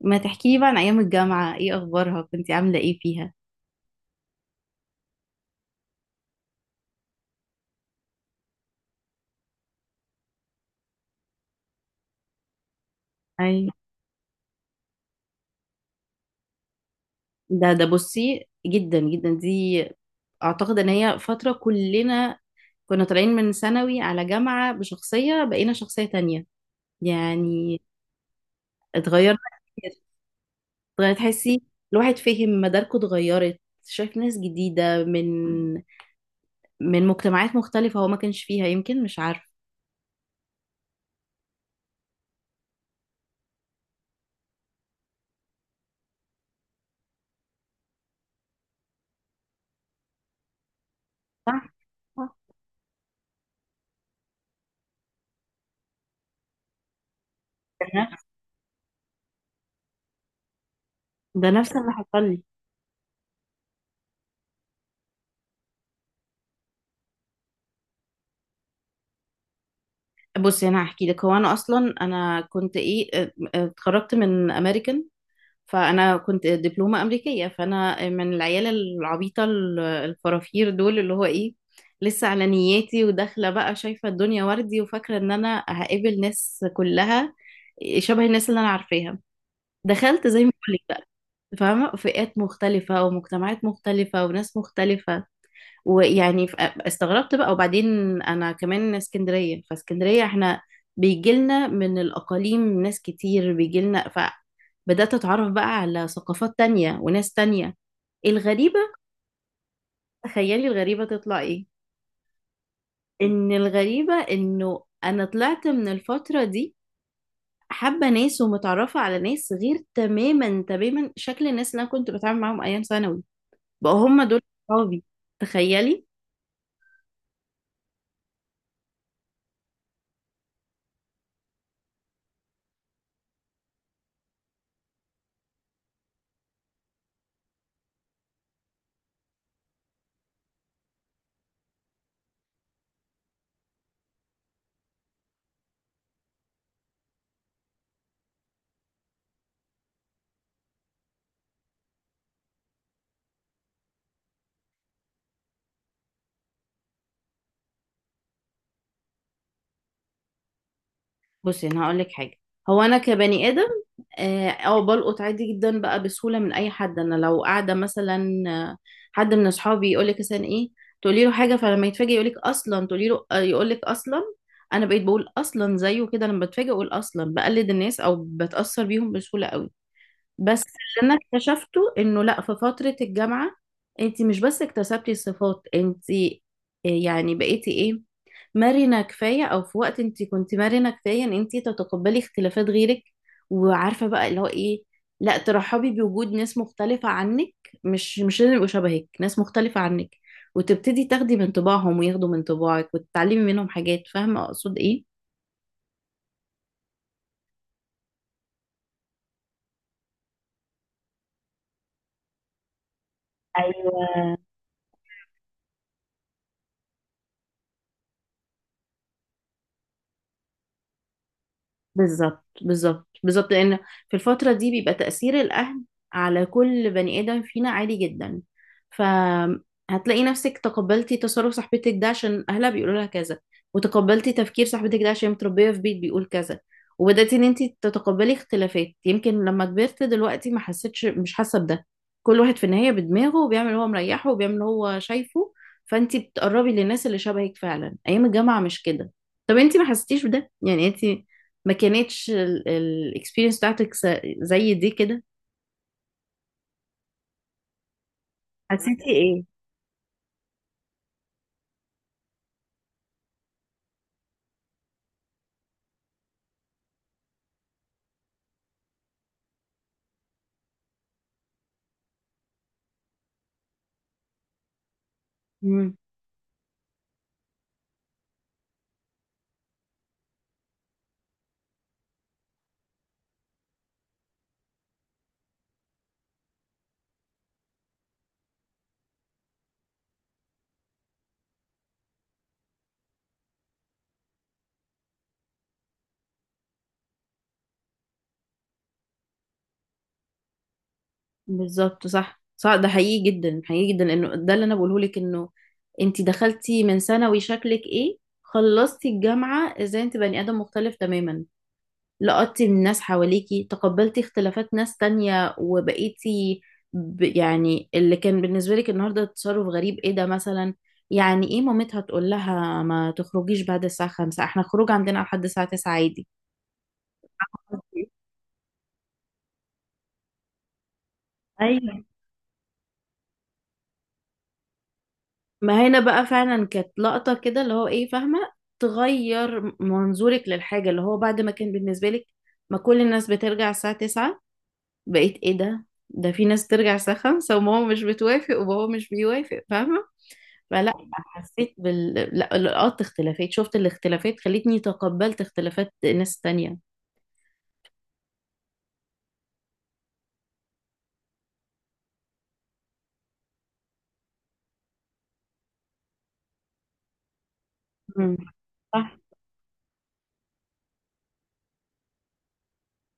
ما تحكيلي بقى عن ايام الجامعه ايه اخبارها كنتي عامله ايه فيها؟ أي. ده بصي جدا جدا دي. اعتقد ان هي فتره كلنا كنا طالعين من ثانوي على جامعه بشخصيه، بقينا شخصيه تانية. يعني اتغيرنا كتير. اتغيرت تحسي، الواحد فهم مداركه اتغيرت. شايف ناس جديده من مجتمعات مختلفه هو ما كانش فيها، يمكن مش عارف. صح. صح. ده نفس ده نفس اللي حصل لي. بصي انا هحكي لك. هو انا اصلا كنت ايه، اتخرجت من امريكان، فانا كنت دبلومه امريكيه، فانا من العيال العبيطه الفرافير دول اللي هو ايه، لسه على نياتي وداخله بقى شايفه الدنيا وردي وفاكره ان انا هقابل ناس كلها شبه الناس اللي انا عارفاها. دخلت زي ما بقول لك بقى، فاهمه، فئات مختلفه ومجتمعات مختلفه وناس مختلفه، ويعني استغربت بقى. وبعدين انا كمان اسكندريه، فاسكندريه احنا بيجيلنا من الاقاليم ناس كتير بيجيلنا. فبدات اتعرف بقى على ثقافات تانية وناس تانية. الغريبه، تخيلي الغريبه تطلع ايه؟ ان الغريبه انه انا طلعت من الفتره دي حابه ناس ومتعرفه على ناس غير تماما تماما شكل الناس اللي انا كنت بتعامل معاهم ايام ثانوي. بقى هم دول صحابي. تخيلي. بصي انا هقول لك حاجه. هو انا كبني ادم، او بلقط عادي جدا بقى بسهوله من اي حد. انا لو قاعده مثلا، حد من اصحابي يقول لك مثلا ايه، تقولي له حاجه فلما يتفاجئ يقول لك اصلا، تقولي له يقول لك اصلا. انا بقيت بقول اصلا زيه كده، لما بتفاجئ اقول اصلا، بقلد الناس او بتاثر بيهم بسهوله قوي. بس اللي انا اكتشفته انه لا، في فترة الجامعة انت مش بس اكتسبتي صفات، انت يعني بقيتي ايه، مرنة كفاية، او في وقت انت كنت مرنة كفاية ان انت تتقبلي اختلافات غيرك. وعارفة بقى اللي هو ايه، لا ترحبي بوجود ناس مختلفة عنك. مش لازم يبقوا شبهك، ناس مختلفة عنك. وتبتدي تاخدي من طباعهم وياخدوا من طباعك وتتعلمي منهم حاجات. فاهمة اقصد ايه؟ ايوه بالظبط بالظبط بالظبط، لان في الفتره دي بيبقى تاثير الاهل على كل بني ادم فينا عالي جدا. فهتلاقي نفسك تقبلتي تصرف صاحبتك ده عشان اهلها بيقولوا لها كذا، وتقبلتي تفكير صاحبتك ده عشان متربيه في بيت بيقول كذا. وبدأتي ان انت تتقبلي اختلافات. يمكن لما كبرت دلوقتي ما حسيتش، مش حاسه بده. كل واحد في النهايه بدماغه، وبيعمل هو مريحه وبيعمل هو شايفه. فانت بتقربي للناس اللي شبهك فعلا ايام الجامعه، مش كده؟ طب انت ما حسيتيش بده يعني؟ انت ما كانتش الاكسبيرينس بتاعتك زي دي كده؟ حسيتي ايه؟ امم. بالظبط. صح صح، ده حقيقي جدا، حقيقي جدا. انه ده اللي انا بقوله لك، انه انت دخلتي من ثانوي شكلك ايه، خلصتي الجامعة ازاي انت بني ادم مختلف تماما. لقطتي من ناس حواليكي، تقبلتي اختلافات ناس تانية وبقيتي يعني اللي كان بالنسبة لك النهاردة تصرف غريب ايه ده مثلا، يعني ايه مامتها تقول لها ما تخرجيش بعد الساعة خمسة، احنا خروج عندنا لحد الساعة تسعة عادي. قصدي. ايوه. ما هنا بقى فعلا كانت لقطة كده اللي هو ايه، فاهمة، تغير منظورك للحاجة، اللي هو بعد ما كان بالنسبة لك ما كل الناس بترجع الساعة 9، بقيت ايه ده، ده في ناس ترجع الساعة 5 وماما مش بتوافق وبابا مش بيوافق، فاهمة؟ فلا حسيت بال، لا لقطت اختلافات، شفت الاختلافات خلتني تقبلت اختلافات ناس تانية. مم. صح.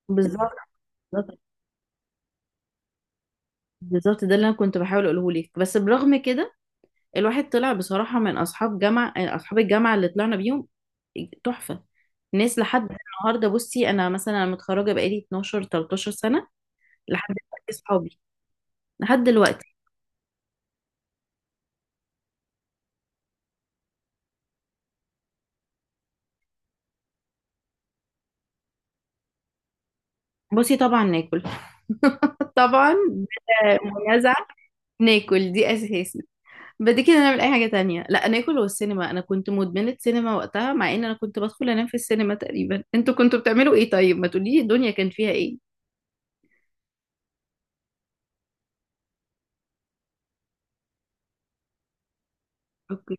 بالظبط بالظبط بالظبط، ده اللي انا كنت بحاول اقوله لك. بس برغم كده الواحد طلع بصراحة من أصحاب جامعة، أصحاب الجامعة اللي طلعنا بيهم تحفة. ناس لحد النهاردة. بصي أنا مثلا أنا متخرجة بقالي 12 13 سنة. لحد دلوقتي صحابي، لحد دلوقتي. بصي طبعا ناكل. طبعا بلا منازع. ناكل دي أساسي. بعد كده نعمل أي حاجة تانية. لا ناكل والسينما، أنا كنت مدمنة سينما وقتها، مع إن أنا كنت بدخل أنام في السينما تقريبا. أنتوا كنتوا بتعملوا إيه طيب؟ ما تقولي الدنيا كان فيها إيه. أوكي.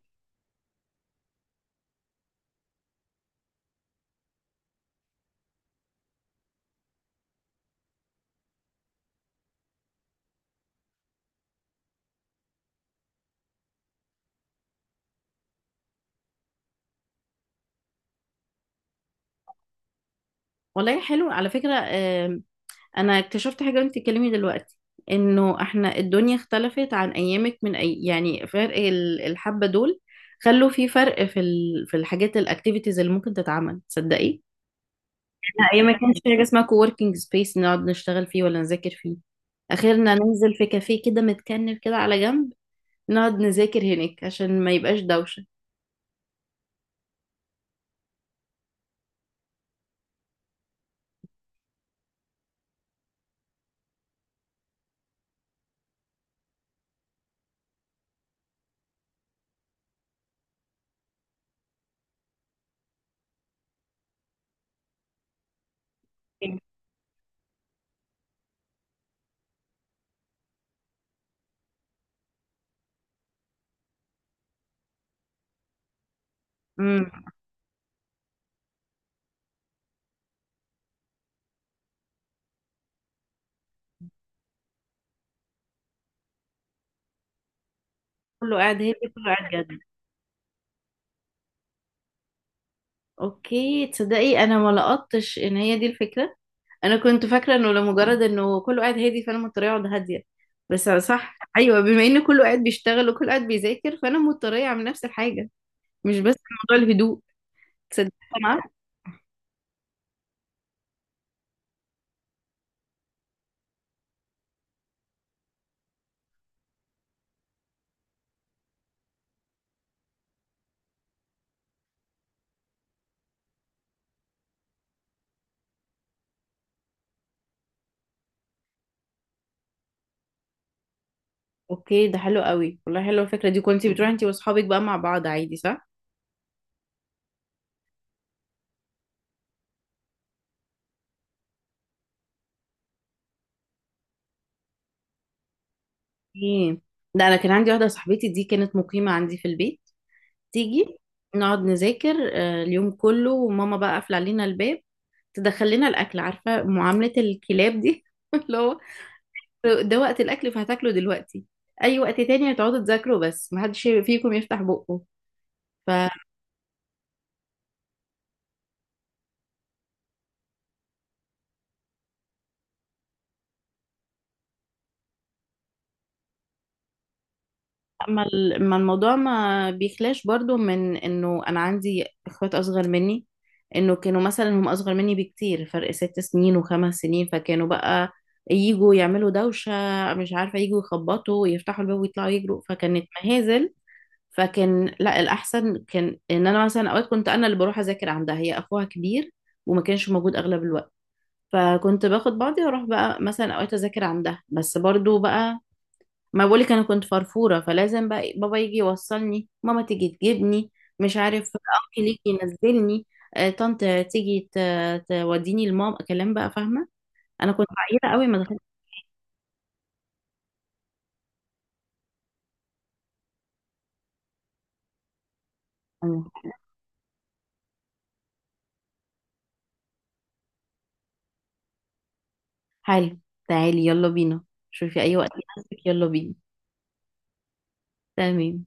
والله حلو على فكرة. انا اكتشفت حاجه وانت بتتكلمي دلوقتي، انه احنا الدنيا اختلفت عن ايامك. من يعني فرق الحبه دول خلوا في فرق في في الحاجات الاكتيفيتيز اللي ممكن تتعمل، تصدقي؟ احنا ايام ما كانش في حاجه اسمها كووركينج سبيس نقعد نشتغل فيه ولا نذاكر فيه. اخرنا ننزل في كافيه كده متكنف كده على جنب، نقعد نذاكر هناك عشان ما يبقاش دوشه. امم. كله قاعد هادي كله قاعد جد. اوكي تصدقي، انا ما لقطتش ان هي دي الفكره. انا كنت فاكره انه لمجرد انه كله قاعد هادي فانا مضطره اقعد هاديه. بس صح، ايوه، بما ان كله قاعد بيشتغل وكله قاعد بيذاكر فانا مضطره اعمل نفس الحاجه. مش بس موضوع الهدوء، تصدق؟ معاك. اوكي ده حلو قوي، والله حلوه الفكره دي. كنتي بتروحي انتي واصحابك بقى مع بعض عادي، صح؟ ايه ده، انا كان عندي واحده صاحبتي دي كانت مقيمه عندي في البيت. تيجي نقعد نذاكر اليوم كله، وماما بقى قافله علينا الباب، تدخل لنا الاكل، عارفه، معامله الكلاب دي اللي هو ده وقت الاكل فهتاكله دلوقتي، اي وقت تاني هتقعدوا تذاكروا بس محدش فيكم يفتح بقه. فما ما الموضوع ما بيخلاش برضو من انه انا عندي اخوات اصغر مني، انه كانوا مثلا هم اصغر مني بكتير، فرق ست سنين وخمس سنين، فكانوا بقى يجوا يعملوا دوشة، مش عارفة، يجوا يخبطوا ويفتحوا الباب ويطلعوا يجروا، فكانت مهازل. فكان لا، الأحسن كان إن أنا مثلا أوقات كنت أنا اللي بروح أذاكر عندها. هي أخوها كبير وما كانش موجود أغلب الوقت. فكنت باخد بعضي واروح بقى مثلا اوقات اذاكر عندها. بس برضو بقى، ما بقولك انا كنت فرفوره، فلازم بقى إيه، بابا يجي يوصلني، ماما تيجي تجيبني، مش عارف اخي ليك ينزلني، طنط تيجي توديني لماما، كلام بقى، فاهمه. انا كنت عيله قوي ما دخلت. حالي، تعالي يلا بينا. شوفي اي وقت يناسبك، يلا بينا. تمام.